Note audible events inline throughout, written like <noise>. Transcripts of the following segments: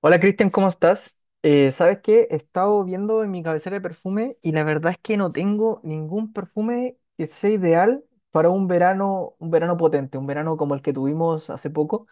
Hola Cristian, ¿cómo estás? ¿Sabes qué? He estado viendo en mi cabecera de perfume y la verdad es que no tengo ningún perfume que sea ideal para un verano potente, un verano como el que tuvimos hace poco,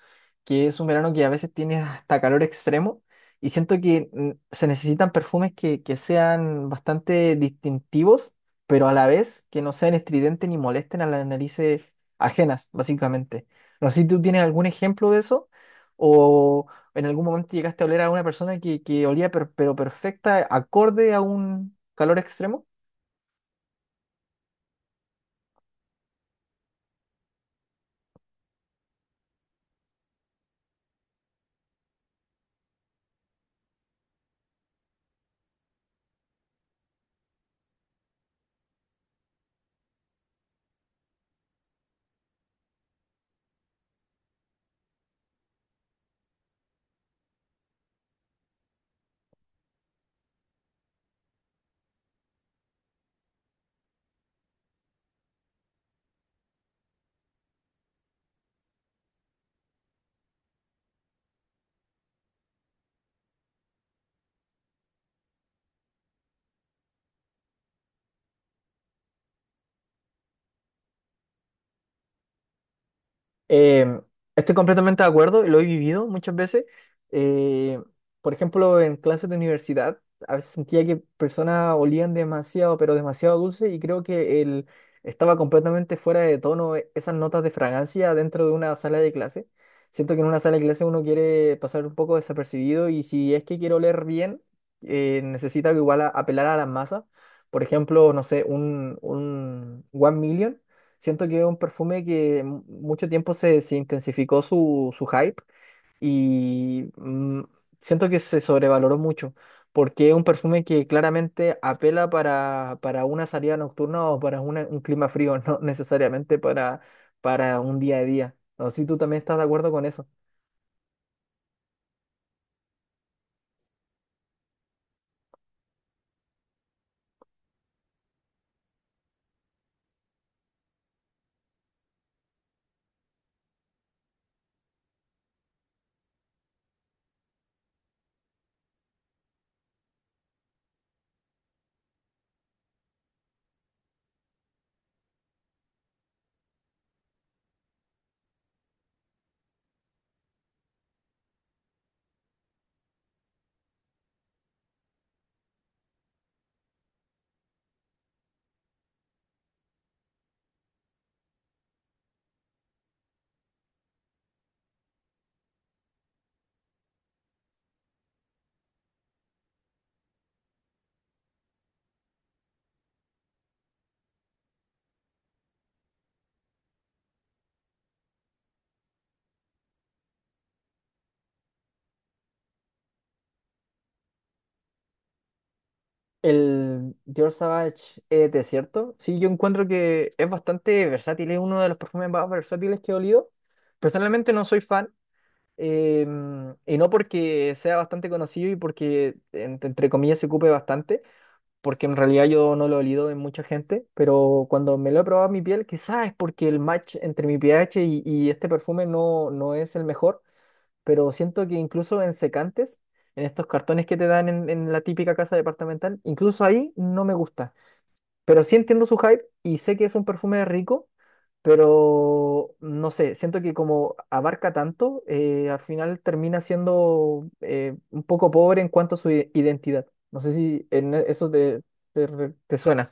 que es un verano que a veces tiene hasta calor extremo y siento que se necesitan perfumes que sean bastante distintivos, pero a la vez que no sean estridentes ni molesten a las narices ajenas, básicamente. No sé si tú tienes algún ejemplo de eso o en algún momento llegaste a oler a una persona que olía pero perfecta, ¿acorde a un calor extremo? Eh, Estoy completamente de acuerdo, y lo he vivido muchas veces. Eh, por ejemplo, en clases de universidad, a veces sentía que personas olían demasiado, pero demasiado dulce, y creo que el, estaba completamente fuera de tono esas notas de fragancia dentro de una sala de clase. Siento que en una sala de clase uno quiere pasar un poco desapercibido, y si es que quiere oler bien, necesita igual apelar a las masas. Por ejemplo, no sé, un One Million. Siento que es un perfume que mucho tiempo se intensificó su hype y siento que se sobrevaloró mucho, porque es un perfume que claramente apela para una salida nocturna o para un clima frío, <laughs> no necesariamente para un día a día. No sé si tú también estás de acuerdo con eso. El Dior Sauvage es cierto. Sí, yo encuentro que es bastante versátil, es uno de los perfumes más versátiles que he olido. Personalmente no soy fan. Y no porque sea bastante conocido y porque, entre comillas, se ocupe bastante, porque en realidad yo no lo he olido en mucha gente, pero cuando me lo he probado en mi piel, quizás es porque el match entre mi pH y este perfume no es el mejor, pero siento que incluso en secantes, en estos cartones que te dan en la típica casa departamental, incluso ahí no me gusta. Pero sí entiendo su hype y sé que es un perfume rico, pero no sé, siento que como abarca tanto, al final termina siendo un poco pobre en cuanto a su identidad. No sé si en eso te suena.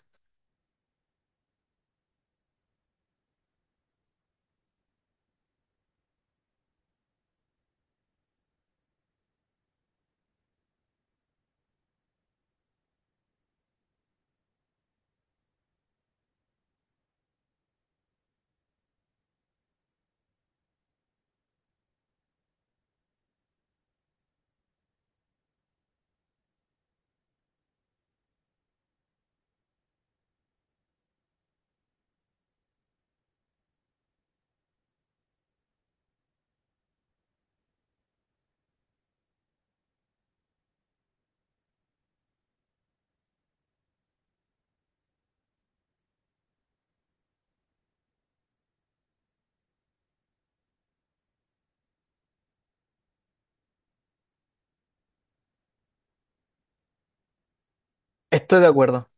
Estoy de acuerdo.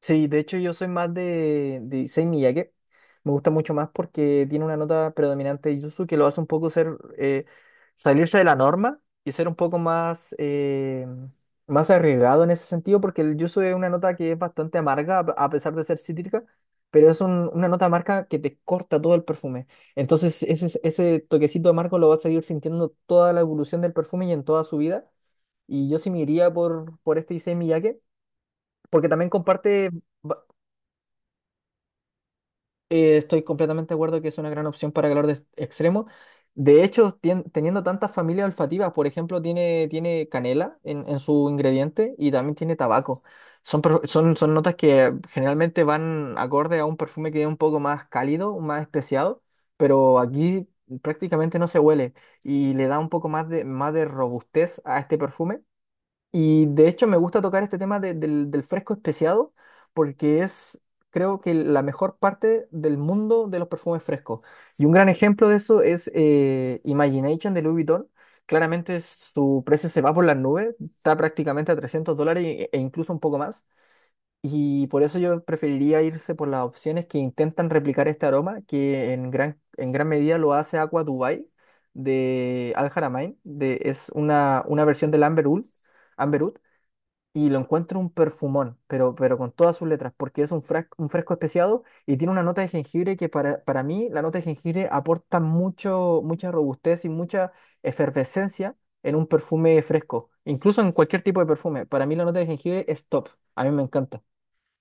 Sí, de hecho yo soy más de Issei Miyake. Me gusta mucho más porque tiene una nota predominante de Yuzu que lo hace un poco ser salirse de la norma y ser un poco más, más arriesgado en ese sentido, porque el Yuzu es una nota que es bastante amarga, a pesar de ser cítrica, pero es una nota amarga que te corta todo el perfume. Entonces ese toquecito amargo lo vas a seguir sintiendo toda la evolución del perfume y en toda su vida. Y yo sí me iría por este Issei Miyake, porque también comparte. Estoy completamente de acuerdo que es una gran opción para calor extremo. De hecho, teniendo tantas familias olfativas, por ejemplo, tiene canela en su ingrediente y también tiene tabaco. Son notas que generalmente van acorde a un perfume que es un poco más cálido, más especiado, pero aquí prácticamente no se huele y le da un poco más de robustez a este perfume. Y de hecho me gusta tocar este tema del fresco especiado porque es, creo que la mejor parte del mundo de los perfumes frescos. Y un gran ejemplo de eso es Imagination de Louis Vuitton. Claramente su precio se va por las nubes, está prácticamente a 300 dólares e incluso un poco más. Y por eso yo preferiría irse por las opciones que intentan replicar este aroma, que en gran medida lo hace Aqua Dubai de Al Haramain. De, es una versión del Amber Oud y lo encuentro un perfumón, pero con todas sus letras, porque es un, un fresco especiado y tiene una nota de jengibre que para mí la nota de jengibre aporta mucho, mucha robustez y mucha efervescencia en un perfume fresco, incluso en cualquier tipo de perfume. Para mí la nota de jengibre es top, a mí me encanta.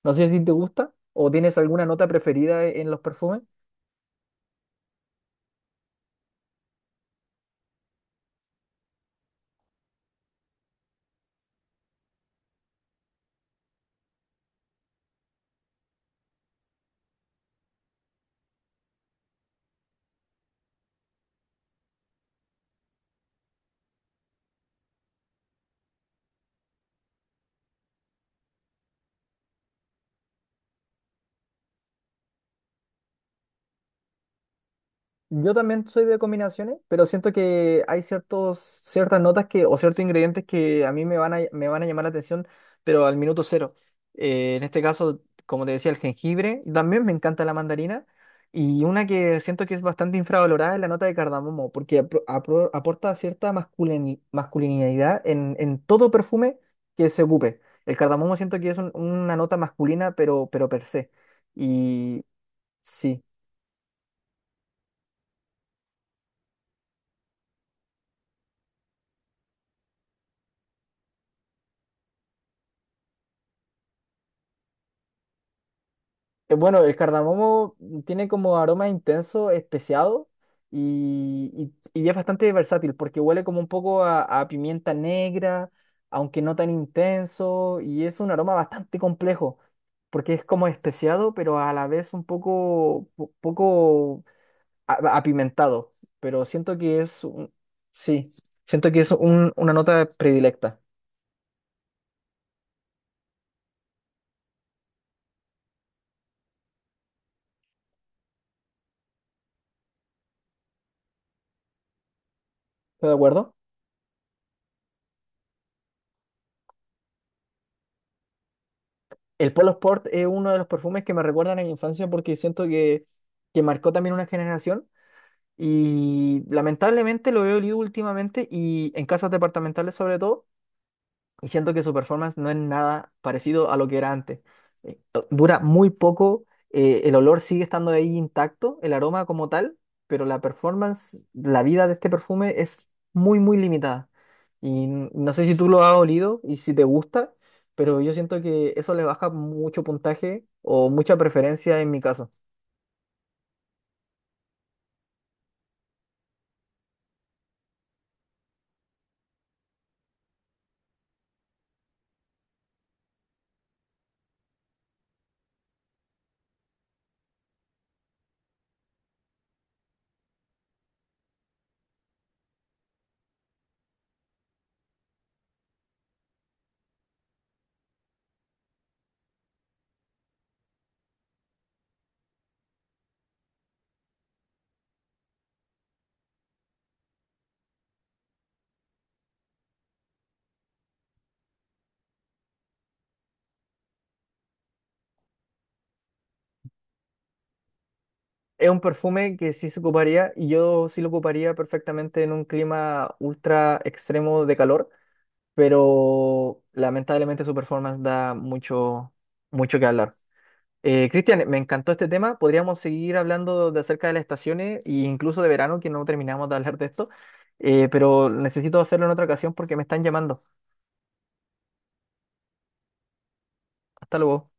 No sé si a ti te gusta o tienes alguna nota preferida en los perfumes. Yo también soy de combinaciones, pero siento que hay ciertos, ciertas notas que, o ciertos ingredientes que a mí me van me van a llamar la atención, pero al minuto cero. En este caso, como te decía, el jengibre, y también me encanta la mandarina, y una que siento que es bastante infravalorada es la nota de cardamomo, porque aporta cierta masculinidad en todo perfume que se ocupe. El cardamomo siento que es una nota masculina, pero per se. Y sí. Bueno, el cardamomo tiene como aroma intenso, especiado y, y es bastante versátil porque huele como un poco a pimienta negra, aunque no tan intenso, y es un aroma bastante complejo porque es como especiado, pero a la vez un poco, poco apimentado. Pero siento que es sí, siento que es una nota predilecta. ¿Estás de acuerdo? El Polo Sport es uno de los perfumes que me recuerdan a mi infancia porque siento que marcó también una generación y lamentablemente lo he olido últimamente y en casas departamentales sobre todo y siento que su performance no es nada parecido a lo que era antes. Eh, Dura muy poco, el olor sigue estando ahí intacto, el aroma como tal, pero la performance, la vida de este perfume es muy, muy limitada. Y no sé si tú lo has olido y si te gusta, pero yo siento que eso le baja mucho puntaje o mucha preferencia en mi caso. Es un perfume que sí se ocuparía y yo sí lo ocuparía perfectamente en un clima ultra extremo de calor, pero lamentablemente su performance da mucho, mucho que hablar. Cristian, me encantó este tema. Podríamos seguir hablando de acerca de las estaciones e incluso de verano, que no terminamos de hablar de esto. Pero necesito hacerlo en otra ocasión porque me están llamando. Hasta luego.